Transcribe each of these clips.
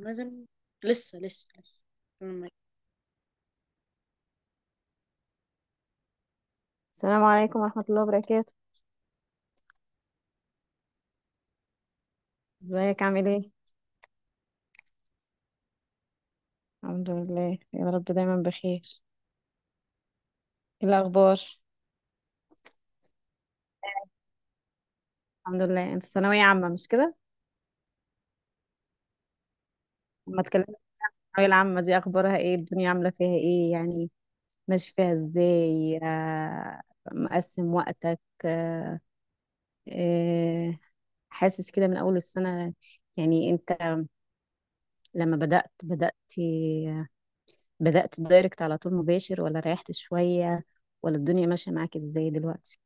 لازم. لسه. لما- السلام عليكم ورحمة الله وبركاته. ازيك عامل ايه؟ الحمد لله يا رب دايما بخير. ايه الأخبار؟ الحمد لله، انت ثانوية عامة مش كده؟ لما اتكلمنا عن الثانوية العامة دي أخبارها ايه؟ الدنيا عاملة فيها ايه؟ يعني ماشي فيها ازاي؟ مقسم وقتك؟ آه، حاسس كده من أول السنة. يعني انت لما بدأت دايركت على طول مباشر، ولا ريحت شوية، ولا الدنيا ماشية معاك ازاي دلوقتي؟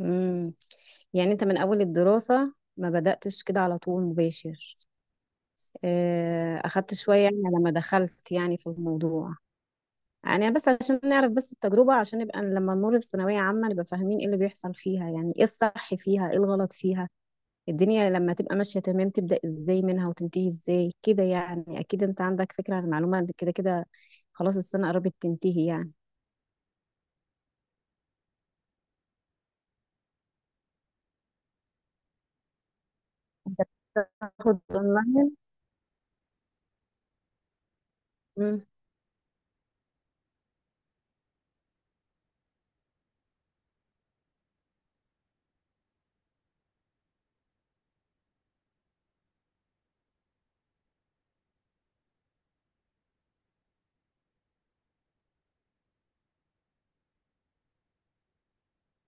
امم يعني انت من اول الدراسة ما بدأتش كده على طول مباشر، اخدت شوية يعني لما دخلت يعني في الموضوع. يعني بس عشان نعرف بس التجربة، عشان نبقى لما نمر بثانوية عامة نبقى فاهمين ايه اللي بيحصل فيها، يعني ايه الصح فيها ايه الغلط فيها. الدنيا لما تبقى ماشية تمام تبدأ ازاي منها وتنتهي ازاي كده، يعني اكيد انت عندك فكرة عن المعلومة كده كده. خلاص السنة قربت تنتهي يعني. تاخد اونلاين. مم.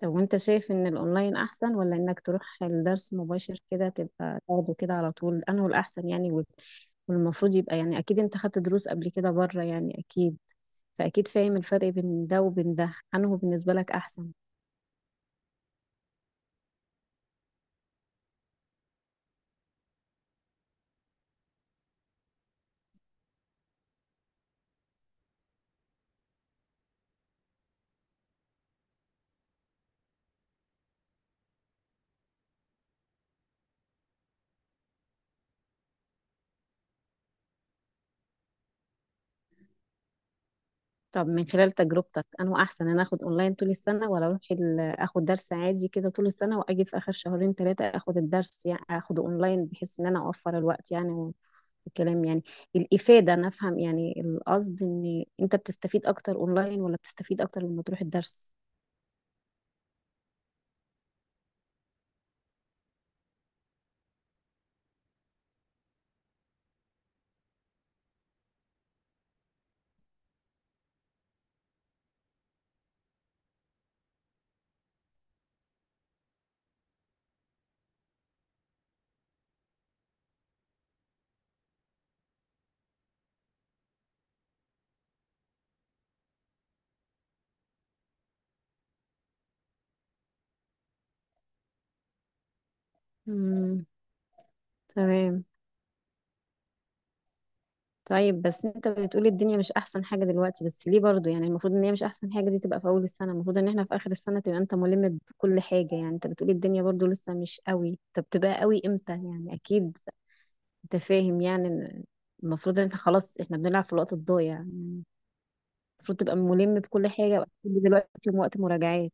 طب وانت شايف ان الاونلاين احسن، ولا انك تروح الدرس مباشر كده تبقى تاخده كده على طول، انه الاحسن يعني؟ والمفروض يبقى يعني اكيد انت خدت دروس قبل كده بره يعني اكيد، فاكيد فاهم الفرق بين ده وبين ده، انه بالنسبة لك احسن. طب من خلال تجربتك، انه احسن انا اخد اونلاين طول السنة، ولا اروح اخد درس عادي كده طول السنة واجي في اخر شهرين ثلاثة اخد الدرس يعني اخده اونلاين، بحيث ان انا اوفر الوقت يعني الكلام يعني الإفادة. أنا أفهم يعني القصد، إن أنت بتستفيد أكتر أونلاين، ولا بتستفيد أكتر لما تروح الدرس؟ مم. تمام. طيب بس أنت بتقولي الدنيا مش أحسن حاجة دلوقتي، بس ليه برضو؟ يعني المفروض إن هي مش أحسن حاجة دي تبقى في أول السنة، المفروض إن إحنا في آخر السنة تبقى أنت ملم بكل حاجة. يعني أنت بتقولي الدنيا برضو لسه مش قوي، طب تبقى قوي إمتى يعني؟ أكيد أنت فاهم يعني إن المفروض إن إحنا خلاص إحنا بنلعب في الوقت الضايع يعني. المفروض تبقى ملم بكل حاجة، وأكيد دلوقتي وقت مراجعات.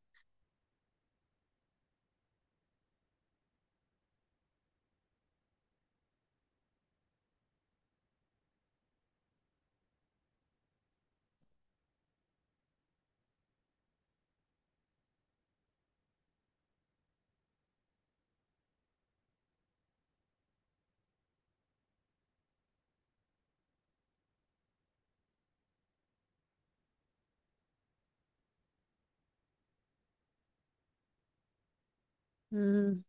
مم.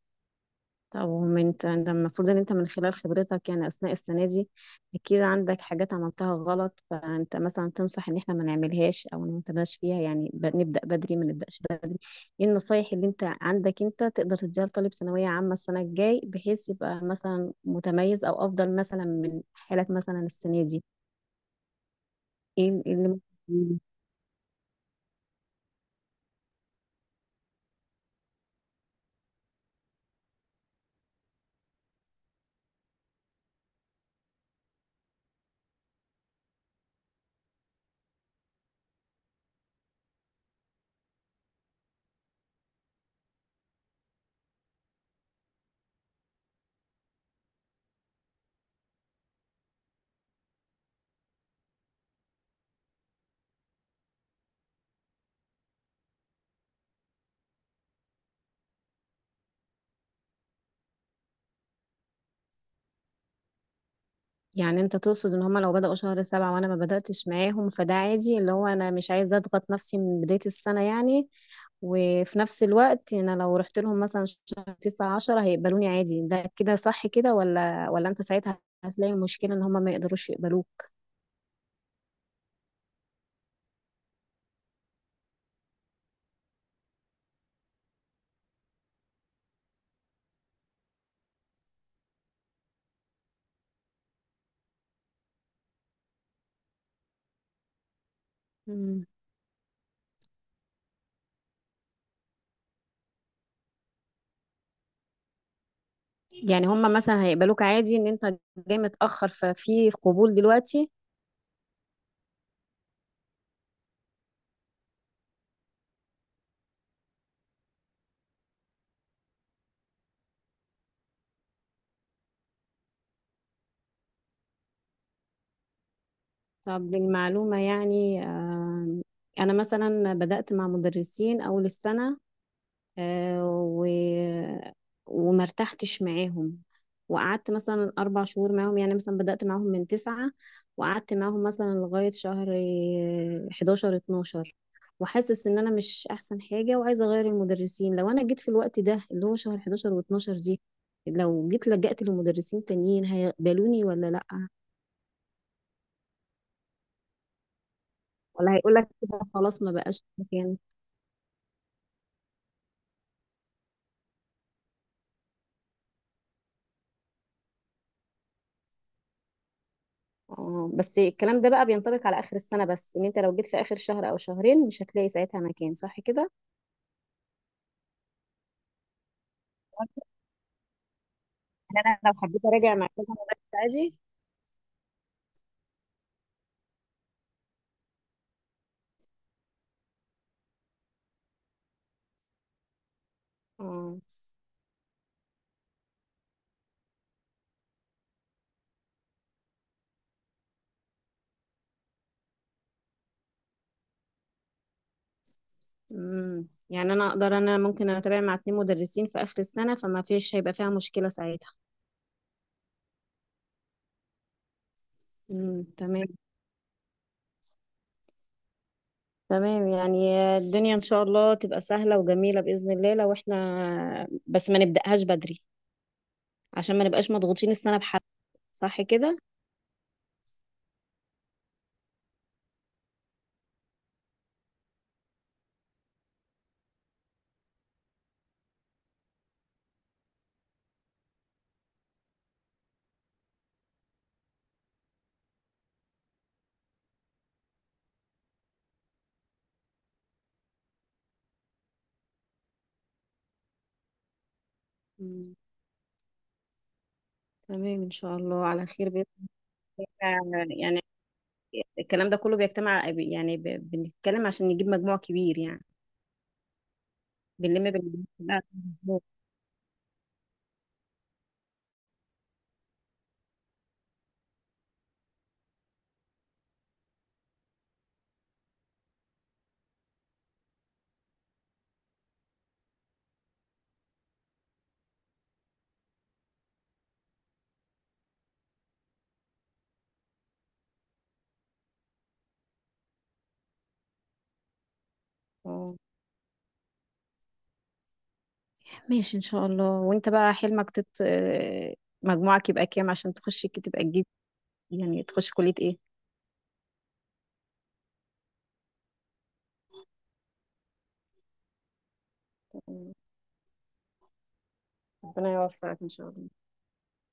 طب وما انت ده المفروض ان انت من خلال خبرتك يعني اثناء السنه دي اكيد عندك حاجات عملتها غلط، فانت مثلا تنصح ان احنا ما نعملهاش او ما نتباش فيها، يعني نبدا بدري ما نبداش بدري. ايه النصايح اللي انت عندك انت تقدر تديها لطالب ثانويه عامه السنه الجاي، بحيث يبقى مثلا متميز او افضل مثلا من حالك مثلا السنه دي؟ ايه اللي ممكن؟ يعني انت تقصد ان هما لو بدأوا شهر سبعة وانا ما بدأتش معاهم فده عادي، اللي هو انا مش عايزة اضغط نفسي من بداية السنة يعني. وفي نفس الوقت انا لو رحت لهم مثلا شهر تسعة عشرة هيقبلوني عادي، ده كده صح كده؟ ولا انت ساعتها هتلاقي مشكلة ان هما ما يقدروش يقبلوك؟ مم. يعني هما مثلا هيقبلوك عادي ان انت جاي متأخر، ففي قبول دلوقتي. طب للمعلومة يعني، انا مثلا بدأت مع مدرسين اول السنة، آه، و... وما ارتحتش معاهم، وقعدت مثلا أربع شهور معاهم، يعني مثلا بدأت معاهم من تسعة وقعدت معاهم مثلا لغاية شهر حداشر اتناشر، وحاسس إن أنا مش أحسن حاجة وعايزة أغير المدرسين. لو أنا جيت في الوقت ده اللي هو شهر حداشر واتناشر دي، لو جيت لجأت لمدرسين تانيين هيقبلوني ولا لأ؟ ولا هيقولك كده خلاص ما بقاش مكانك؟ اه، بس الكلام ده بقى بينطبق على آخر السنة بس، إن أنت لو جيت في آخر شهر أو شهرين مش هتلاقي ساعتها مكان، صح كده؟ يعني أنا لو حبيت أراجع مع كذا مدرس عادي. اه. يعني أنا أقدر، أنا ممكن أنا أتابع مع اتنين مدرسين في آخر السنة، فما فيش هيبقى فيها مشكلة ساعتها. امم، تمام. تمام يعني الدنيا إن شاء الله تبقى سهلة وجميلة بإذن الله، لو إحنا بس ما نبدأهاش بدري عشان ما نبقاش مضغوطين السنة بحد، صح كده؟ مم. تمام، إن شاء الله على خير بإذن الله يعني. الكلام ده كله بيجتمع يعني، بنتكلم عشان نجيب مجموع كبير يعني، بنلم بالمجموع كلها في المجموع. اه، ماشي ان شاء الله. وانت بقى حلمك تت آه، مجموعك يبقى كام عشان تخش تبقى تجيب، يعني تخش كلية ايه؟ ربنا يوفقك ان شاء الله.